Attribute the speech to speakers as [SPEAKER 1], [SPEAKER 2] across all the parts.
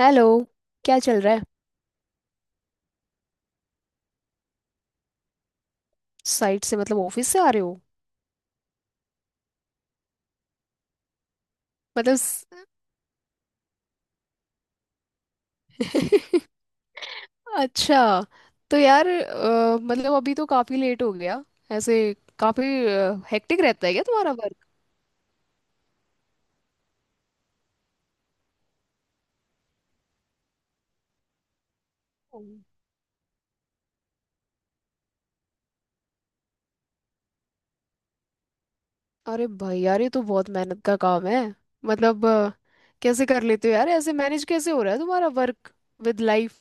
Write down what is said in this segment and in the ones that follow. [SPEAKER 1] Hello. क्या चल रहा है। साइट से मतलब ऑफिस से आ रहे हो। मतलब अच्छा। तो यार, मतलब अभी तो काफी लेट हो गया। ऐसे काफी हेक्टिक रहता है क्या तुम्हारा वर्क। अरे भाई यार, ये तो बहुत मेहनत का काम है। मतलब कैसे कर लेते हो यार, ऐसे मैनेज कैसे हो रहा है तुम्हारा वर्क विद लाइफ।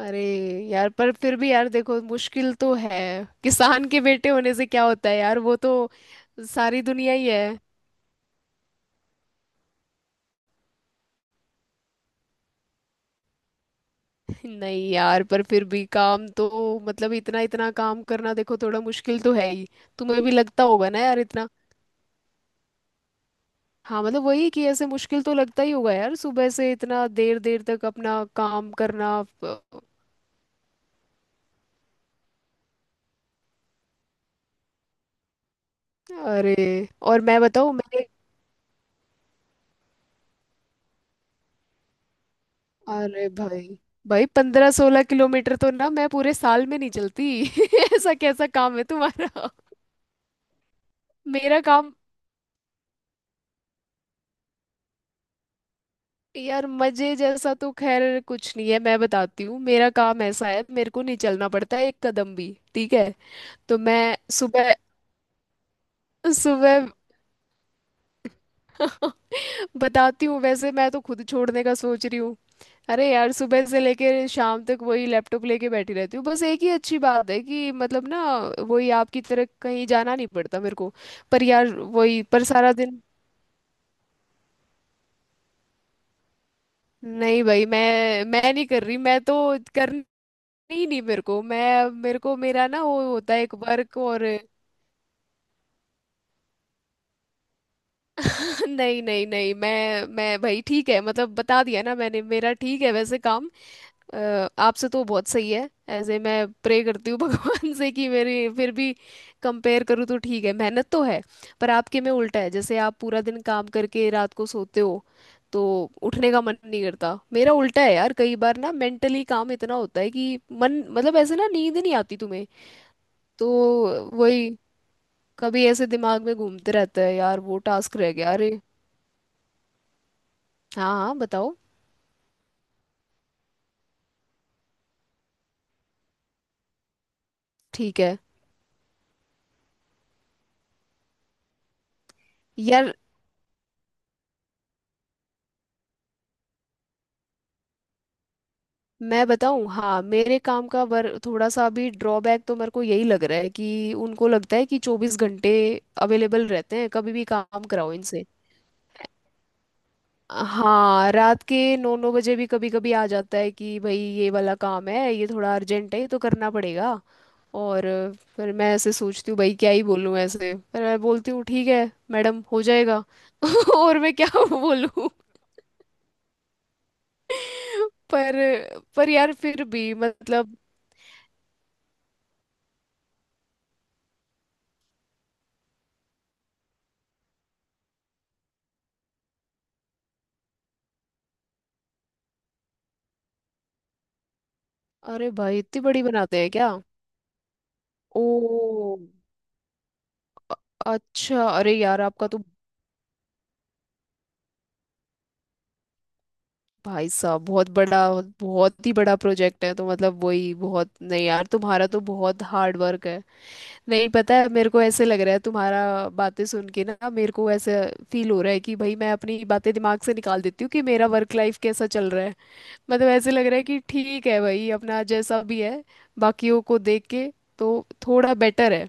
[SPEAKER 1] अरे यार, पर फिर भी यार देखो, मुश्किल तो है। किसान के बेटे होने से क्या होता है यार, वो तो सारी दुनिया ही है। नहीं यार, पर फिर भी काम तो मतलब इतना इतना काम करना देखो, थोड़ा मुश्किल तो है ही। तुम्हें भी लगता होगा ना यार, इतना। हाँ, मतलब वही कि ऐसे मुश्किल तो लगता ही होगा यार, सुबह से इतना देर देर तक अपना काम करना। अरे, और मैं बताऊँ मैंने। अरे भाई, भाई 15-16 किलोमीटर तो ना मैं पूरे साल में नहीं चलती। ऐसा कैसा काम है तुम्हारा। मेरा काम। यार, मजे जैसा तो खैर कुछ नहीं है। मैं बताती हूँ, मेरा काम ऐसा है मेरे को नहीं चलना पड़ता एक कदम भी, ठीक है। तो मैं सुबह सुबह बताती हूँ। वैसे मैं तो खुद छोड़ने का सोच रही हूँ। अरे यार, सुबह से लेकर शाम तक वही लैपटॉप लेके बैठी रहती हूँ। बस एक ही अच्छी बात है कि मतलब ना, वही आपकी तरह कहीं जाना नहीं पड़ता मेरे को। पर यार वही, पर सारा दिन। नहीं भाई, मैं नहीं कर रही, मैं तो कर। नहीं नहीं, मेरे को मैं मेरे को मेरा ना, वो होता है एक वर्क और। नहीं नहीं नहीं, मैं भाई ठीक है, मतलब बता दिया ना मैंने, मेरा ठीक है वैसे काम। आपसे तो बहुत सही है। ऐसे मैं प्रे करती हूँ भगवान से कि मेरी फिर भी, कंपेयर करूँ तो ठीक है, मेहनत तो है। पर आपके में उल्टा है, जैसे आप पूरा दिन काम करके रात को सोते हो तो उठने का मन नहीं करता। मेरा उल्टा है यार, कई बार ना मेंटली काम इतना होता है कि मन मतलब ऐसे ना, नींद नहीं आती तुम्हें। तो वही, कभी ऐसे दिमाग में घूमते रहता है यार, वो टास्क रह गया, अरे। हाँ हाँ, बताओ। ठीक है। यार मैं बताऊं, हाँ, मेरे काम का वर थोड़ा सा अभी ड्रॉबैक तो मेरे को यही लग रहा है कि उनको लगता है कि 24 घंटे अवेलेबल रहते हैं, कभी भी काम कराओ इनसे। हाँ, रात के नौ नौ बजे भी कभी कभी आ जाता है कि भाई, ये वाला काम है, ये थोड़ा अर्जेंट है, ये तो करना पड़ेगा। और फिर मैं ऐसे सोचती हूँ भाई, क्या ही बोलूँ ऐसे, पर मैं बोलती हूँ ठीक है मैडम, हो जाएगा। और मैं क्या बोलूँ। पर पर यार फिर भी मतलब। अरे भाई, इतनी बड़ी बनाते हैं क्या। ओ अच्छा। अरे यार आपका तो। भाई साहब, बहुत बड़ा, बहुत ही बड़ा प्रोजेक्ट है तो मतलब वही, बहुत नहीं यार, तुम्हारा तो बहुत हार्ड वर्क है। नहीं, पता है मेरे को, ऐसे लग रहा है तुम्हारा बातें सुन के ना, मेरे को ऐसे फील हो रहा है कि भाई, मैं अपनी बातें दिमाग से निकाल देती हूँ कि मेरा वर्क लाइफ कैसा चल रहा है। मतलब ऐसे लग रहा है कि ठीक है भाई, अपना जैसा भी है, बाकियों को देख के तो थोड़ा बेटर है।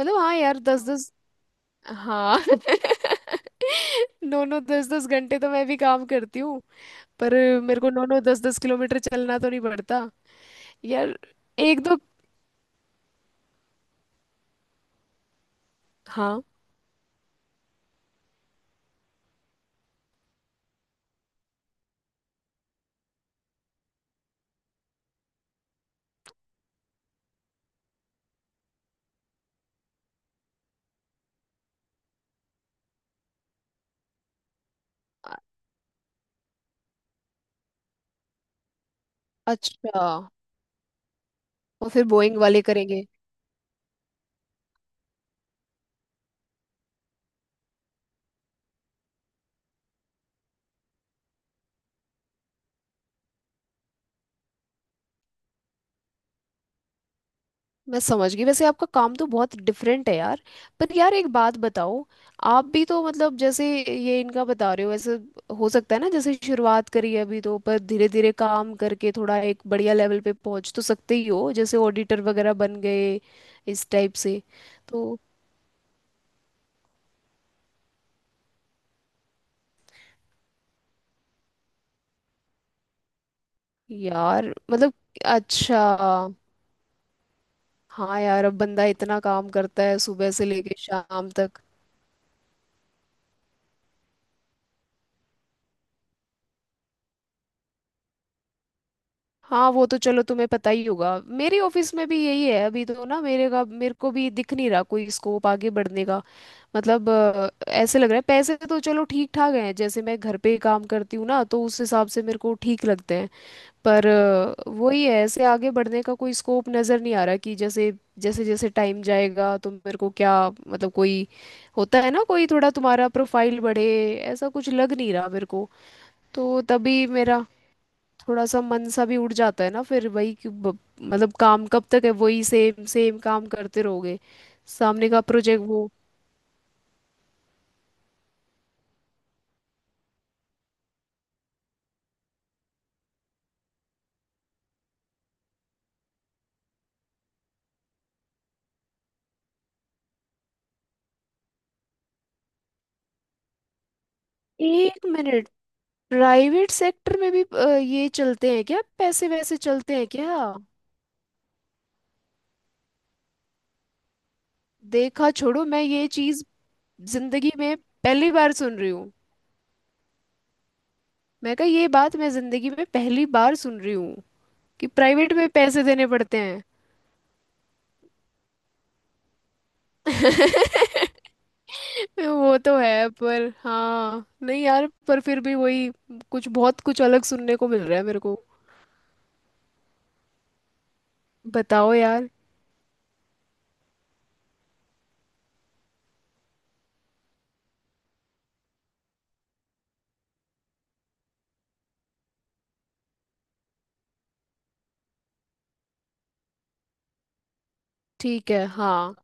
[SPEAKER 1] मतलब, हाँ यार, दस दस। हाँ नौ नौ दस दस घंटे तो मैं भी काम करती हूँ। पर मेरे को नौ नौ दस दस किलोमीटर चलना तो नहीं पड़ता। यार, एक दो। हाँ, अ- अच्छा। और फिर बोइंग वाले करेंगे। मैं समझ गई, वैसे आपका काम तो बहुत डिफरेंट है यार। पर यार एक बात बताओ, आप भी तो मतलब, जैसे ये इनका बता रहे हो वैसे हो सकता है ना, जैसे शुरुआत करी है अभी तो, पर धीरे धीरे काम करके थोड़ा एक बढ़िया लेवल पे पहुंच तो सकते ही हो, जैसे ऑडिटर वगैरह बन गए, इस टाइप से। तो यार मतलब। अच्छा, हाँ यार, अब बंदा इतना काम करता है सुबह से लेके शाम तक। हाँ, वो तो चलो तुम्हें पता ही होगा, मेरे ऑफिस में भी यही है अभी तो ना, मेरे का मेरे को भी दिख नहीं रहा कोई स्कोप आगे बढ़ने का। मतलब ऐसे लग रहा है पैसे तो चलो ठीक ठाक हैं, जैसे मैं घर पे काम करती हूँ ना तो उस हिसाब से मेरे को ठीक लगते हैं। पर वही है, ऐसे आगे बढ़ने का कोई स्कोप नज़र नहीं आ रहा कि जैसे, जैसे जैसे टाइम जाएगा तो मेरे को क्या, मतलब कोई होता है ना कोई थोड़ा तुम्हारा प्रोफाइल बढ़े, ऐसा कुछ लग नहीं रहा मेरे को। तो तभी मेरा थोड़ा सा मन सा भी उड़ जाता है ना, फिर वही कि मतलब काम कब तक है, वही सेम सेम काम करते रहोगे, सामने का प्रोजेक्ट वो। एक मिनट। प्राइवेट सेक्टर में भी ये चलते हैं क्या, पैसे वैसे चलते हैं क्या। देखा, छोड़ो। मैं ये चीज जिंदगी में पहली बार सुन रही हूँ। मैं कहा ये बात, मैं जिंदगी में पहली बार सुन रही हूँ कि प्राइवेट में पैसे देने पड़ते हैं। वो तो है, पर हाँ, नहीं यार पर फिर भी वही, कुछ बहुत कुछ अलग सुनने को मिल रहा है मेरे को। बताओ यार। ठीक है। हाँ,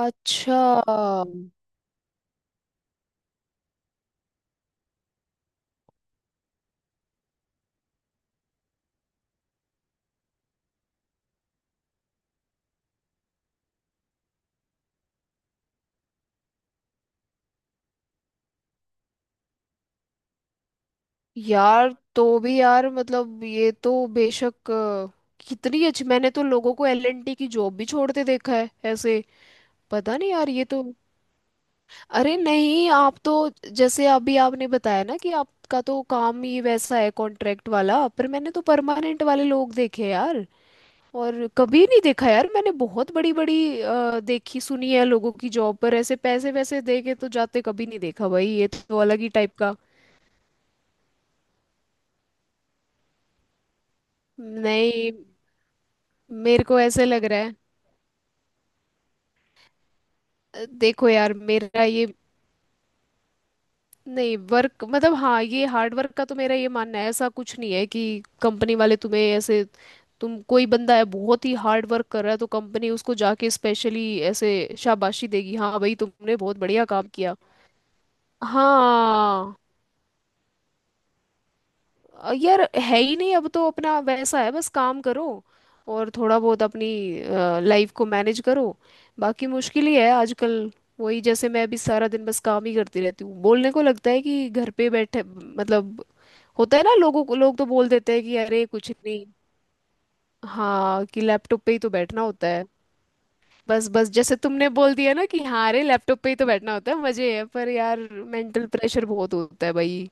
[SPEAKER 1] अच्छा। यार तो भी यार मतलब ये तो बेशक कितनी अच्छी, मैंने तो लोगों को एलएनटी की जॉब भी छोड़ते देखा है ऐसे। पता नहीं यार ये तो, अरे नहीं आप तो, जैसे अभी आपने बताया ना कि आपका तो काम ही वैसा है कॉन्ट्रैक्ट वाला, पर मैंने तो परमानेंट वाले लोग देखे यार। और कभी नहीं देखा यार, मैंने बहुत बड़ी बड़ी देखी सुनी है लोगों की जॉब, पर ऐसे पैसे वैसे दे के तो जाते कभी नहीं देखा भाई, ये तो अलग ही टाइप का। नहीं, मेरे को ऐसे लग रहा है, देखो यार मेरा ये, नहीं वर्क मतलब, हाँ ये हार्ड वर्क का तो मेरा ये मानना है, ऐसा कुछ नहीं है कि कंपनी वाले तुम्हें ऐसे, तुम कोई बंदा है बहुत ही हार्ड वर्क कर रहा है तो कंपनी उसको जाके स्पेशली ऐसे शाबाशी देगी, हाँ भाई तुमने बहुत बढ़िया काम किया। हाँ, यार है ही नहीं अब तो, अपना वैसा है बस काम करो और थोड़ा बहुत अपनी लाइफ को मैनेज करो, बाकी मुश्किल ही है आजकल। वही, जैसे मैं अभी सारा दिन बस काम ही करती रहती हूँ, बोलने को लगता है कि घर पे बैठे मतलब, होता है ना लोगों को, लोग तो बोल देते हैं कि अरे कुछ नहीं। हाँ, कि लैपटॉप पे ही तो बैठना होता है। बस बस, जैसे तुमने बोल दिया ना कि हाँ, अरे लैपटॉप पे ही तो बैठना होता है मजे है, पर यार मेंटल प्रेशर बहुत होता है भाई।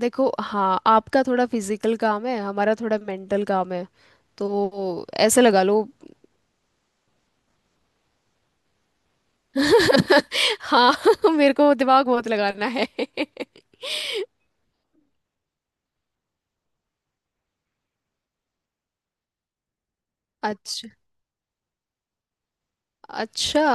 [SPEAKER 1] देखो हाँ, आपका थोड़ा फिजिकल काम है, हमारा थोड़ा मेंटल काम है, तो ऐसे लगा लो। हाँ मेरे को दिमाग बहुत लगाना है। अच्छा अच्छा।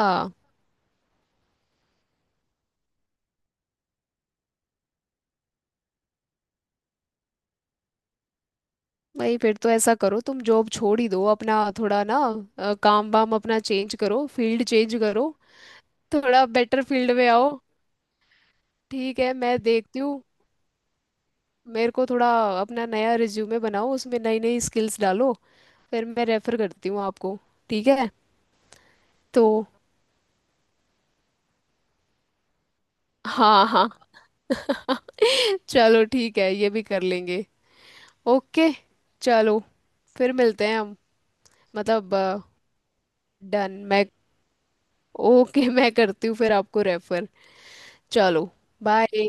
[SPEAKER 1] भाई फिर तो ऐसा करो, तुम जॉब छोड़ ही दो अपना थोड़ा ना, काम वाम अपना चेंज करो, फील्ड चेंज करो, थोड़ा बेटर फील्ड में आओ। ठीक है, मैं देखती हूँ, मेरे को थोड़ा। अपना नया रिज्यूमे बनाओ, उसमें नई नई स्किल्स डालो, फिर मैं रेफर करती हूँ आपको। ठीक है तो, हाँ हाँ चलो ठीक है, ये भी कर लेंगे। ओके, चलो। फिर मिलते हैं हम मतलब। डन मैं। ओके मैं करती हूँ फिर आपको रेफर। चलो, बाय।